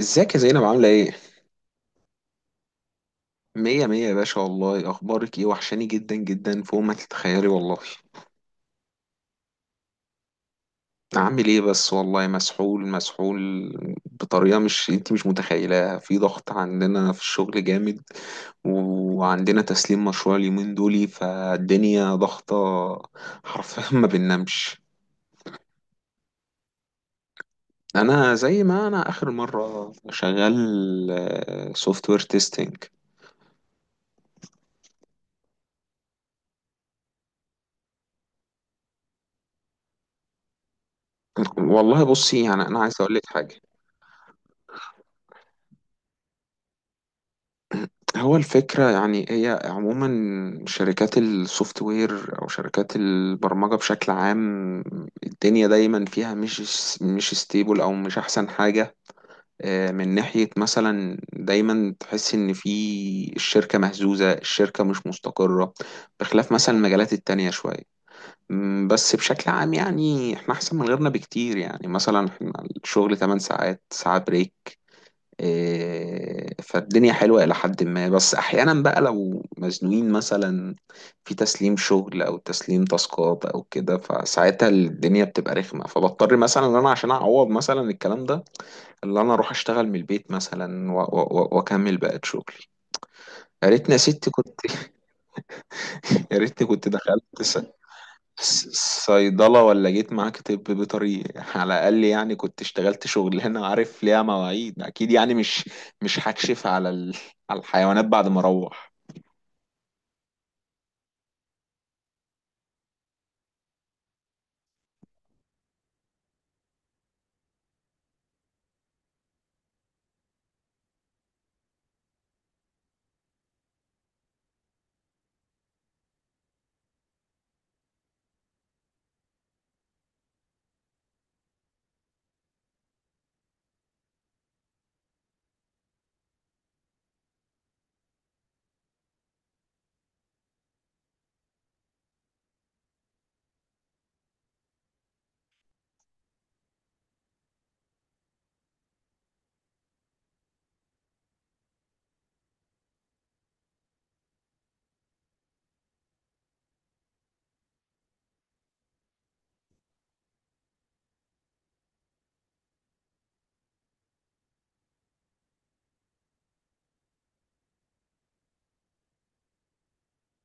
ازيك يا زينب، عاملة ايه؟ مية مية يا باشا، والله اخبارك ايه؟ وحشاني جدا جدا فوق ما تتخيلي والله. عامل ايه بس، والله مسحول مسحول بطريقة مش انت مش متخيلاها. في ضغط عندنا في الشغل جامد، وعندنا تسليم مشروع اليومين دولي، فالدنيا ضغطة، حرفيا ما بننامش. انا زي ما انا اخر مرة شغال سوفت وير تيستنج. والله بصي، يعني انا عايز اقول لك حاجة. هو الفكرة يعني هي عموما شركات السوفت وير أو شركات البرمجة بشكل عام، الدنيا دايما فيها مش ستيبل أو مش أحسن حاجة. من ناحية مثلا دايما تحس إن في الشركة مهزوزة، الشركة مش مستقرة بخلاف مثلا المجالات التانية شوية. بس بشكل عام يعني احنا أحسن من غيرنا بكتير، يعني مثلا احنا الشغل 8 ساعات ساعة بريك. إيه، فالدنيا حلوة إلى حد ما، بس أحيانا بقى لو مزنوقين مثلا في تسليم شغل أو تسليم تاسكات أو كده، فساعتها الدنيا بتبقى رخمة، فبضطر مثلا إن أنا عشان أعوض مثلا الكلام ده اللي أنا أروح أشتغل من البيت مثلا وأكمل بقى شغلي. يا ريتني يا ستي كنت يا ريتني كنت دخلت ص- صيدلة، ولا جيت معاك طب بيطري على الأقل، يعني كنت اشتغلت شغلانة عارف ليها مواعيد أكيد، يعني مش هكشف على الحيوانات بعد ما أروح.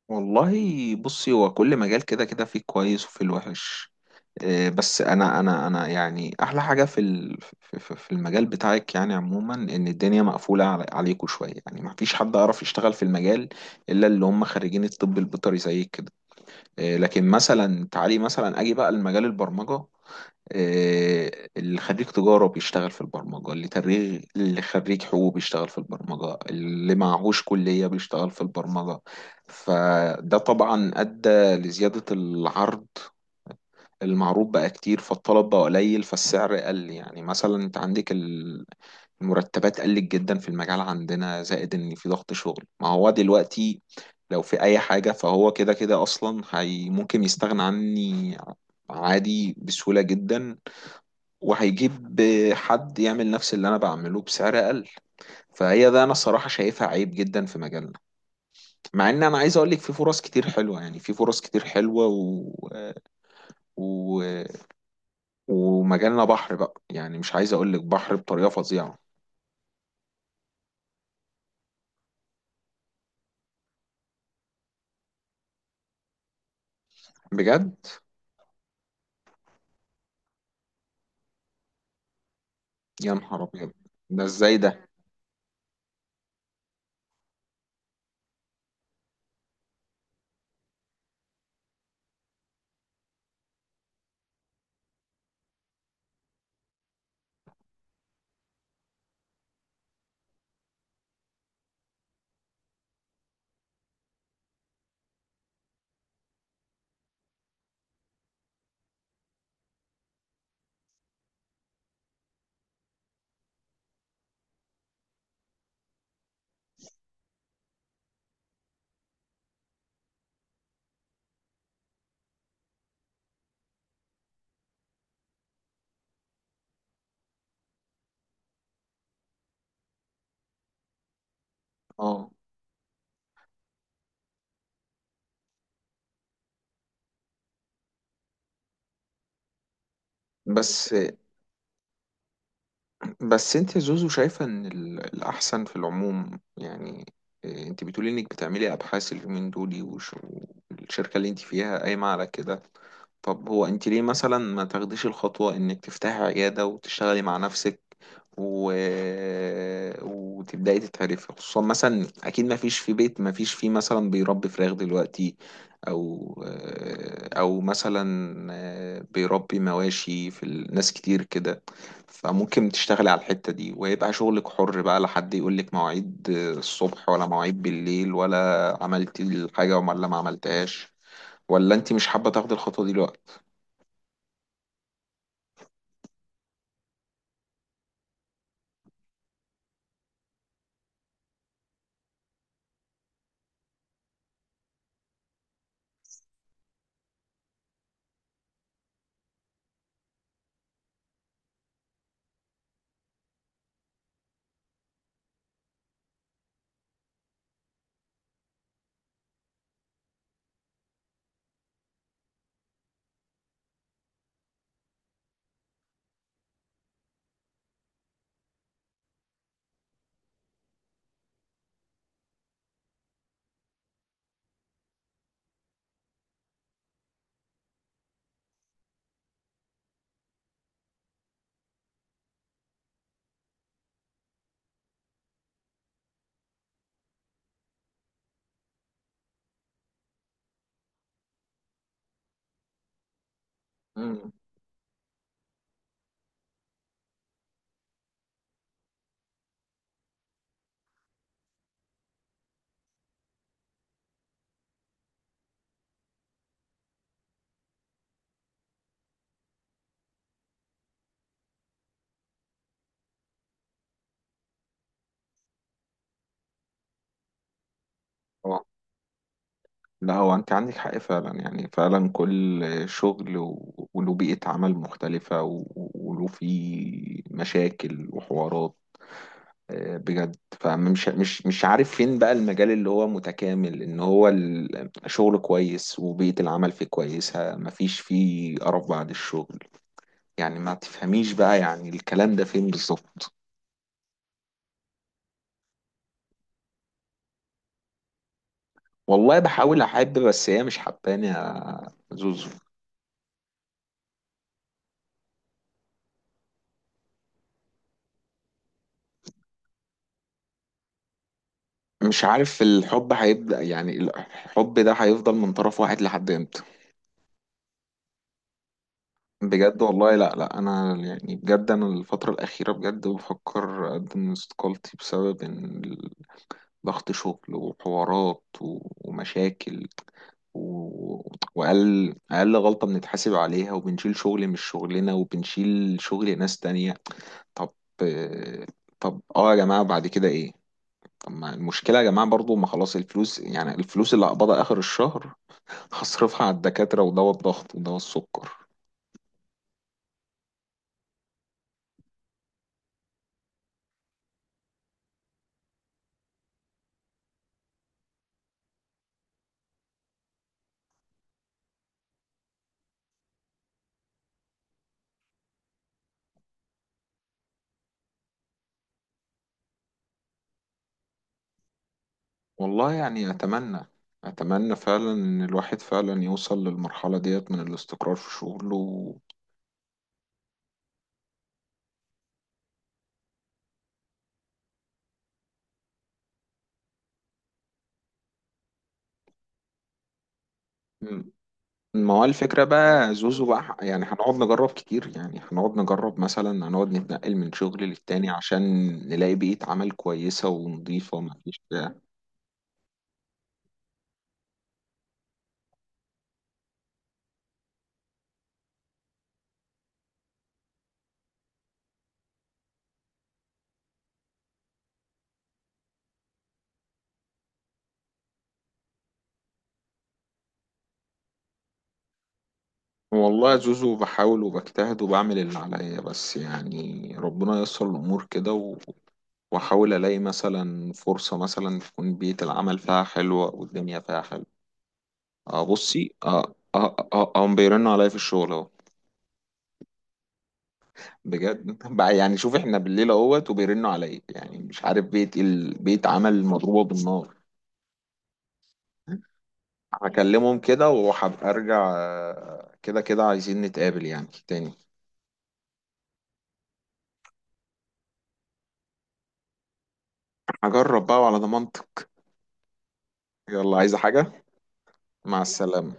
والله بصي، هو كل مجال كده كده فيه كويس وفيه الوحش. إيه، بس أنا يعني أحلى حاجة في ال... في في- في المجال بتاعك يعني عموما إن الدنيا مقفولة عليكوا شوية، يعني مفيش حد يعرف يشتغل في المجال إلا اللي هم خريجين الطب البيطري زيك كده. لكن مثلا تعالي مثلا اجي بقى لمجال البرمجه. آه، اللي خريج تجاره بيشتغل في البرمجه، اللي تريغ، اللي خريج حقوق بيشتغل في البرمجه، اللي معهوش كليه بيشتغل في البرمجه. فده طبعا ادى لزياده العرض، المعروض بقى كتير فالطلب بقى قليل فالسعر قل. يعني مثلا انت عندك المرتبات قلت جدا في المجال عندنا، زائد ان في ضغط شغل. ما هو دلوقتي لو في اي حاجة فهو كده كده اصلا هي ممكن يستغنى عني عادي بسهولة جدا، وهيجيب حد يعمل نفس اللي انا بعمله بسعر اقل. فهي ده انا الصراحة شايفها عيب جدا في مجالنا. مع ان انا عايز اقول لك في فرص كتير حلوة، يعني في فرص كتير حلوة و... ومجالنا بحر بقى، يعني مش عايز اقول لك بحر بطريقة فظيعة. بجد، يا نهار ابيض، ده ازاي ده؟ اه بس بس انت يا زوزو شايفة ان الاحسن في العموم يعني. إيه، انت بتقولي انك بتعملي ابحاث اليومين دول والشركة اللي انت فيها قايمة على كده. طب هو انت ليه مثلا ما تاخديش الخطوة انك تفتحي عيادة وتشتغلي مع نفسك، و... وتبدأي تتعرفي، خصوصا مثلا اكيد ما فيش في بيت ما فيش فيه مثلا بيربي فراخ دلوقتي، او او مثلا بيربي مواشي ناس كتير كده. فممكن تشتغلي على الحتة دي، ويبقى شغلك حر بقى، لا حد يقولك مواعيد الصبح ولا مواعيد بالليل، ولا عملتي الحاجة ولا ما عملتهاش. ولا انت مش حابة تاخدي الخطوة دي دلوقتي؟ مم. اه، لا هو انت عندك حق فعلا، يعني فعلا كل شغل وله بيئة عمل مختلفة، وله فيه مشاكل وحوارات. بجد، فمش مش مش عارف فين بقى المجال اللي هو متكامل، ان هو شغل كويس وبيئة العمل فيه كويسة، مفيش فيه قرف بعد الشغل. يعني ما تفهميش بقى يعني الكلام ده فين بالظبط. والله بحاول احب، بس هي مش حباني يا زوزو. مش عارف الحب هيبدأ، يعني الحب ده هيفضل من طرف واحد لحد امتى؟ بجد والله، لا لا، انا يعني بجد انا الفترة الأخيرة بجد بفكر اقدم استقالتي بسبب ان ضغط شغل وحوارات ومشاكل، و... وأقل أقل غلطة بنتحاسب عليها، وبنشيل شغل مش شغلنا وبنشيل شغل ناس تانية. طب طب يا جماعة بعد كده ايه؟ طب ما المشكلة يا جماعة برضو، ما خلاص الفلوس، يعني الفلوس اللي هقبضها آخر الشهر هصرفها على الدكاترة ودواء الضغط ودواء السكر. والله يعني أتمنى فعلا إن الواحد فعلا يوصل للمرحلة ديت من الاستقرار في شغله. مم. ما هو الفكرة بقى زوزو بقى، يعني هنقعد نجرب كتير، يعني هنقعد نجرب مثلا، هنقعد نتنقل من شغل للتاني عشان نلاقي بيئة عمل كويسة ونظيفة ومفيش بتاع. والله زوزو بحاول وبجتهد وبعمل اللي عليا، بس يعني ربنا ييسر الأمور كده. واحاول الاقي مثلا فرصه مثلا تكون بيئه العمل فيها حلوه والدنيا فيها حلوه. اه بصي، هم بيرنوا عليا في الشغل اهو. بجد بقى، يعني شوف احنا بالليل اهوت وبيرنوا عليا، يعني مش عارف بيت عمل مضروبه بالنار. هكلمهم كده وهبقى ارجع. كده كده عايزين نتقابل يعني تاني. هجرب بقى على ضمانتك. يلا، عايزه حاجه؟ مع السلامه.